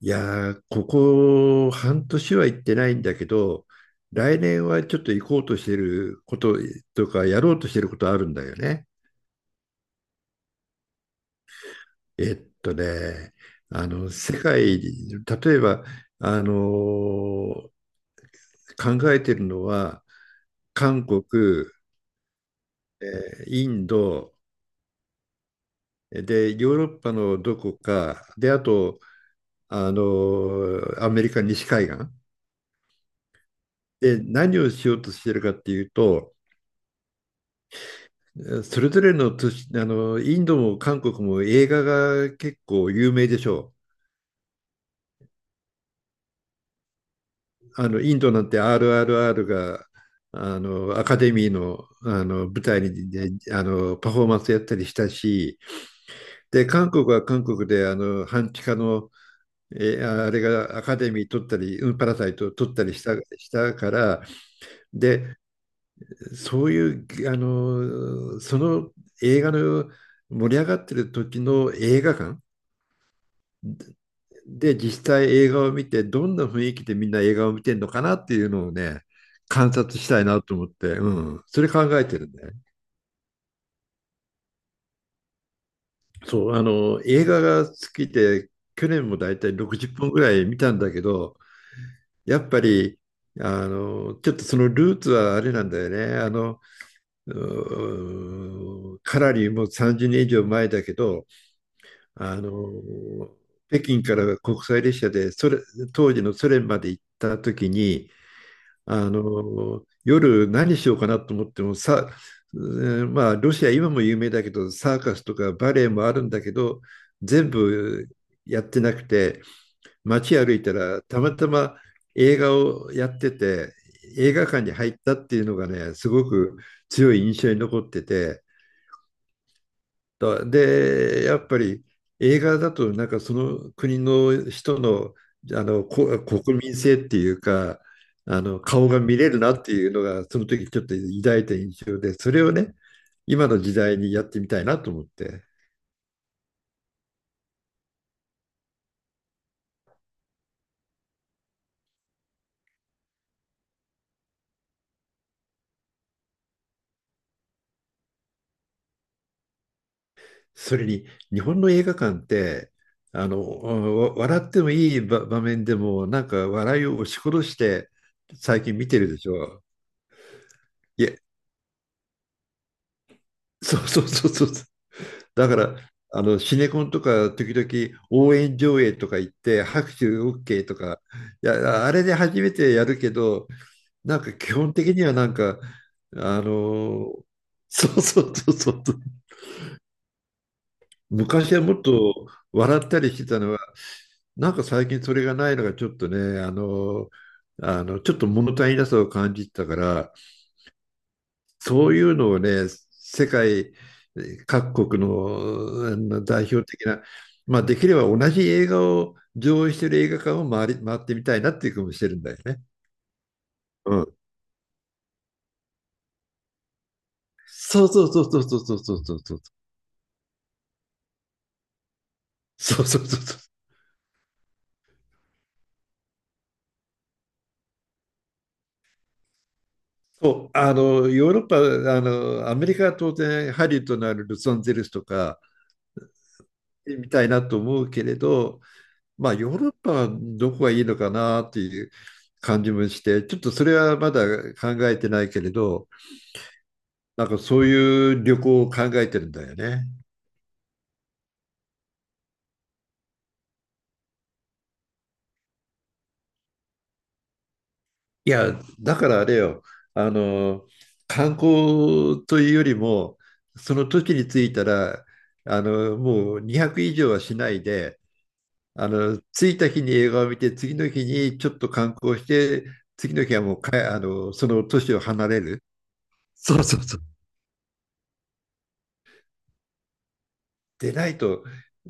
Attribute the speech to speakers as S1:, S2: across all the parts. S1: ここ半年は行ってないんだけど、来年はちょっと行こうとしてることとか、やろうとしてることあるんだよね。えっとね、世界、例えば、あのー考えてるのは、韓国、えインド、で、ヨーロッパのどこか、で、あと、アメリカ西海岸。で、何をしようとしてるかっていうと、それぞれの都市、インドも韓国も映画が結構有名でしょう。インドなんて RRR が、アカデミーの、舞台に、ね、パフォーマンスやったりしたし、で、韓国は韓国で、半地下の、えあれがアカデミー取ったり、うん、パラサイト取ったりした、したから、で、そういう、映画の盛り上がってる時の映画館、で、実際映画を見て、どんな雰囲気でみんな映画を見てるのかなっていうのをね、観察したいなと思って、うん、それ考えてるね。そう、映画が好きで、去年もだいたい60本ぐらい見たんだけど、やっぱり、ちょっとそのルーツはあれなんだよね。かなりもう30年以上前だけど、あの、北京から国際列車でそれ、当時のソ連まで行った時に、あの夜何しようかなと思ってもさ、まあロシア今も有名だけどサーカスとかバレエもあるんだけど、全部やってなくて、街歩いたらたまたま映画をやってて、映画館に入ったっていうのがねすごく強い印象に残ってて、で、やっぱり映画だとなんかその国の人の、あのこ国民性っていうか、あの顔が見れるなっていうのがその時ちょっと抱いた印象で、それをね今の時代にやってみたいなと思って、それに日本の映画館って、あのわ笑ってもいい場面でもなんか笑いを押し殺して最近見てるでしょ。いや、そう、 そうそうそう。だから、シネコンとか、時々応援上映とか行って、拍手 OK とか、いや、あれで初めてやるけど、なんか基本的にはなんか、あの、そうそうそうそう。昔はもっと笑ったりしてたのは、なんか最近それがないのがちょっとね、ちょっと物足りなさを感じてたから、そういうのをね、世界各国のあの代表的な、まあ、できれば同じ映画を上映している映画館を回り、回ってみたいなっていう気もしてるんだよね。うん。そうそうそうそうそうそうそうそうそう。そうそうそうそう。そう、ヨーロッパ、アメリカは当然ハリウッドのあるロサンゼルスとかみたいなと思うけれど、まあヨーロッパはどこがいいのかなっていう感じもして、ちょっとそれはまだ考えてないけれど、なんかそういう旅行を考えてるんだよね。いや、だからあれよ、あの、観光というよりも、その時に着いたら、もう200以上はしないで、着いた日に映画を見て、次の日にちょっと観光して、次の日はもうかえ、あの、その都市を離れる。そうそうそう。でないと、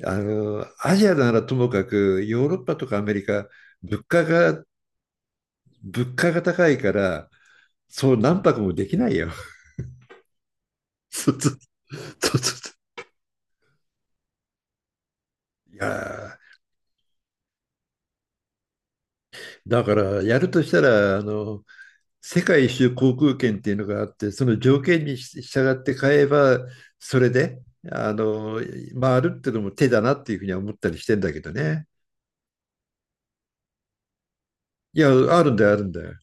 S1: アジアならともかく、ヨーロッパとかアメリカ、物価が物価が高いから、そう何泊もできないよ。そうそうそうそう。いや、だからやるとしたら、あの、世界一周航空券っていうのがあって、その条件に従って買えば、それで、あの、回るっていうのも手だなっていうふうには思ったりしてんだけどね。いや、あるんだよ、あるんだよ。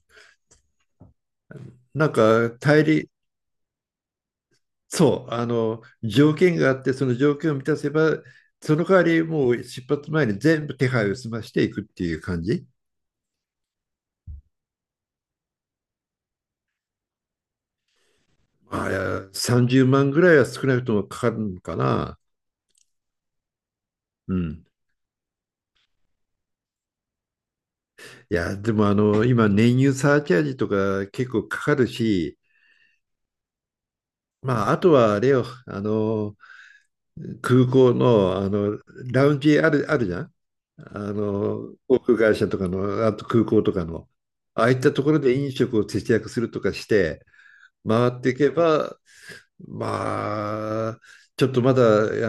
S1: なんか大陸、そう、あの条件があって、その条件を満たせば、その代わりもう出発前に全部手配を済ましていくっていう感じ。あれ、30万ぐらいは少なくともかかるのかな。うん。いや、でも今、燃油サーチャージとか結構かかるし、まあ、あとはあれよ、空港の、ラウンジあるじゃん。航空会社とかの、あと空港とかの、ああいったところで飲食を節約するとかして、回っていけば、まあ、ちょっとまだ、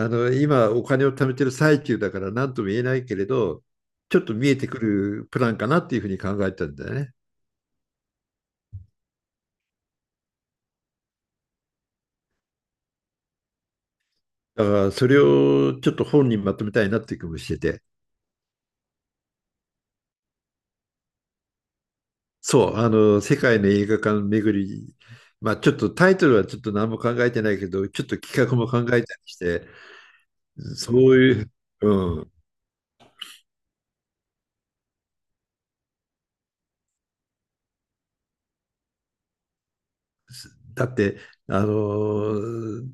S1: 今お金を貯めてる最中だから何とも言えないけれど、ちょっと見えてくるプランかなっていうふうに考えたんだよね。だからそれをちょっと本にまとめたいなっていう気もしてて。そう、世界の映画館巡り、まあちょっとタイトルはちょっと何も考えてないけど、ちょっと企画も考えたりして、そういう、う、だって、あの、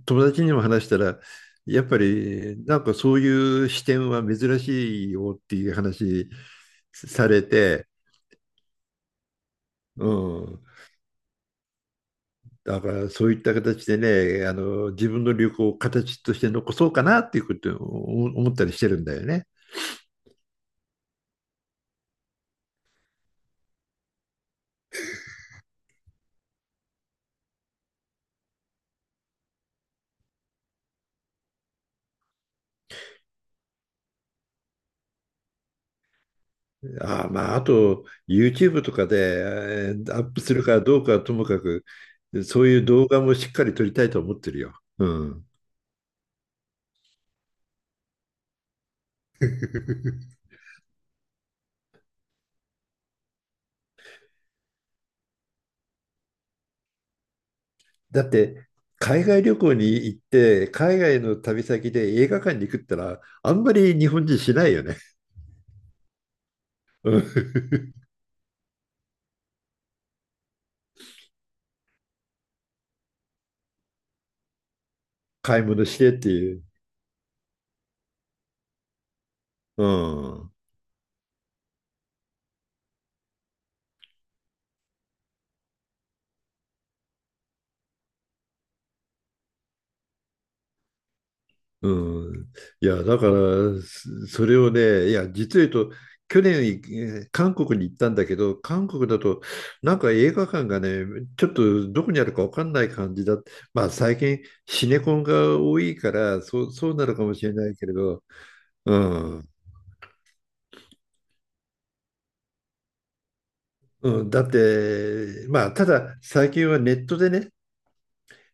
S1: 友達にも話したら、やっぱりなんかそういう視点は珍しいよっていう話されて、うん。だからそういった形でね、自分の旅行を形として残そうかなっていうことを思ったりしてるんだよね。ああ、まあ、あと YouTube とかでアップするかどうかはともかく、そういう動画もしっかり撮りたいと思ってるよ。うん。だって、海外旅行に行って、海外の旅先で映画館に行くったら、あんまり日本人しないよね。うん。 買い物してっていう。うん。うん。いや、だから、れをね、いや、実を言うと、去年、韓国に行ったんだけど、韓国だと、なんか映画館がね、ちょっとどこにあるか分かんない感じだ。まあ、最近、シネコンが多いから、そう、そうなるかもしれないけれど、うん。うん、だって、まあ、ただ最近はネットでね、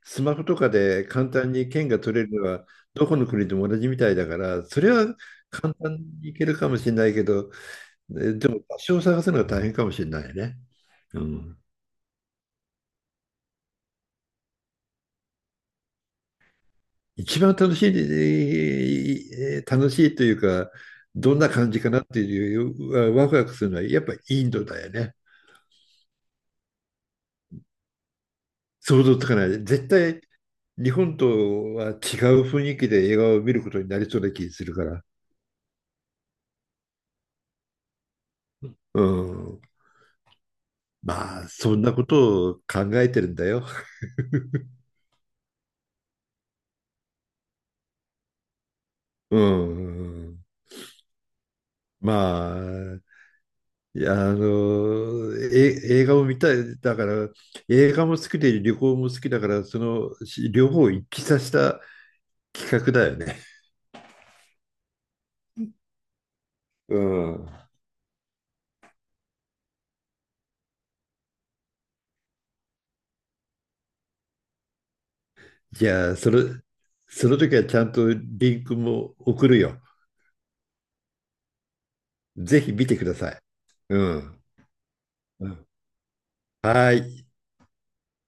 S1: スマホとかで簡単に券が取れるのは、どこの国でも同じみたいだから、それは簡単にいけるかもしれないけど、でも場所を探すのが大変かもしれないね。うん、一番楽しい、楽しいというか、どんな感じかなっていう、ワクワクするのは、やっぱインドだよね。想像つかない。絶対、日本とは違う雰囲気で映画を見ることになりそうな気がするから。うん。まあ、そんなことを考えてるんだよ。うん。まあ、いや、映画を見たい。だから、映画も好きで旅行も好きだから、そのし両方を一致させた企画だよね。うん。じゃあ、それ、その時はちゃんとリンクも送るよ。ぜひ見てください。うん。うん、はい。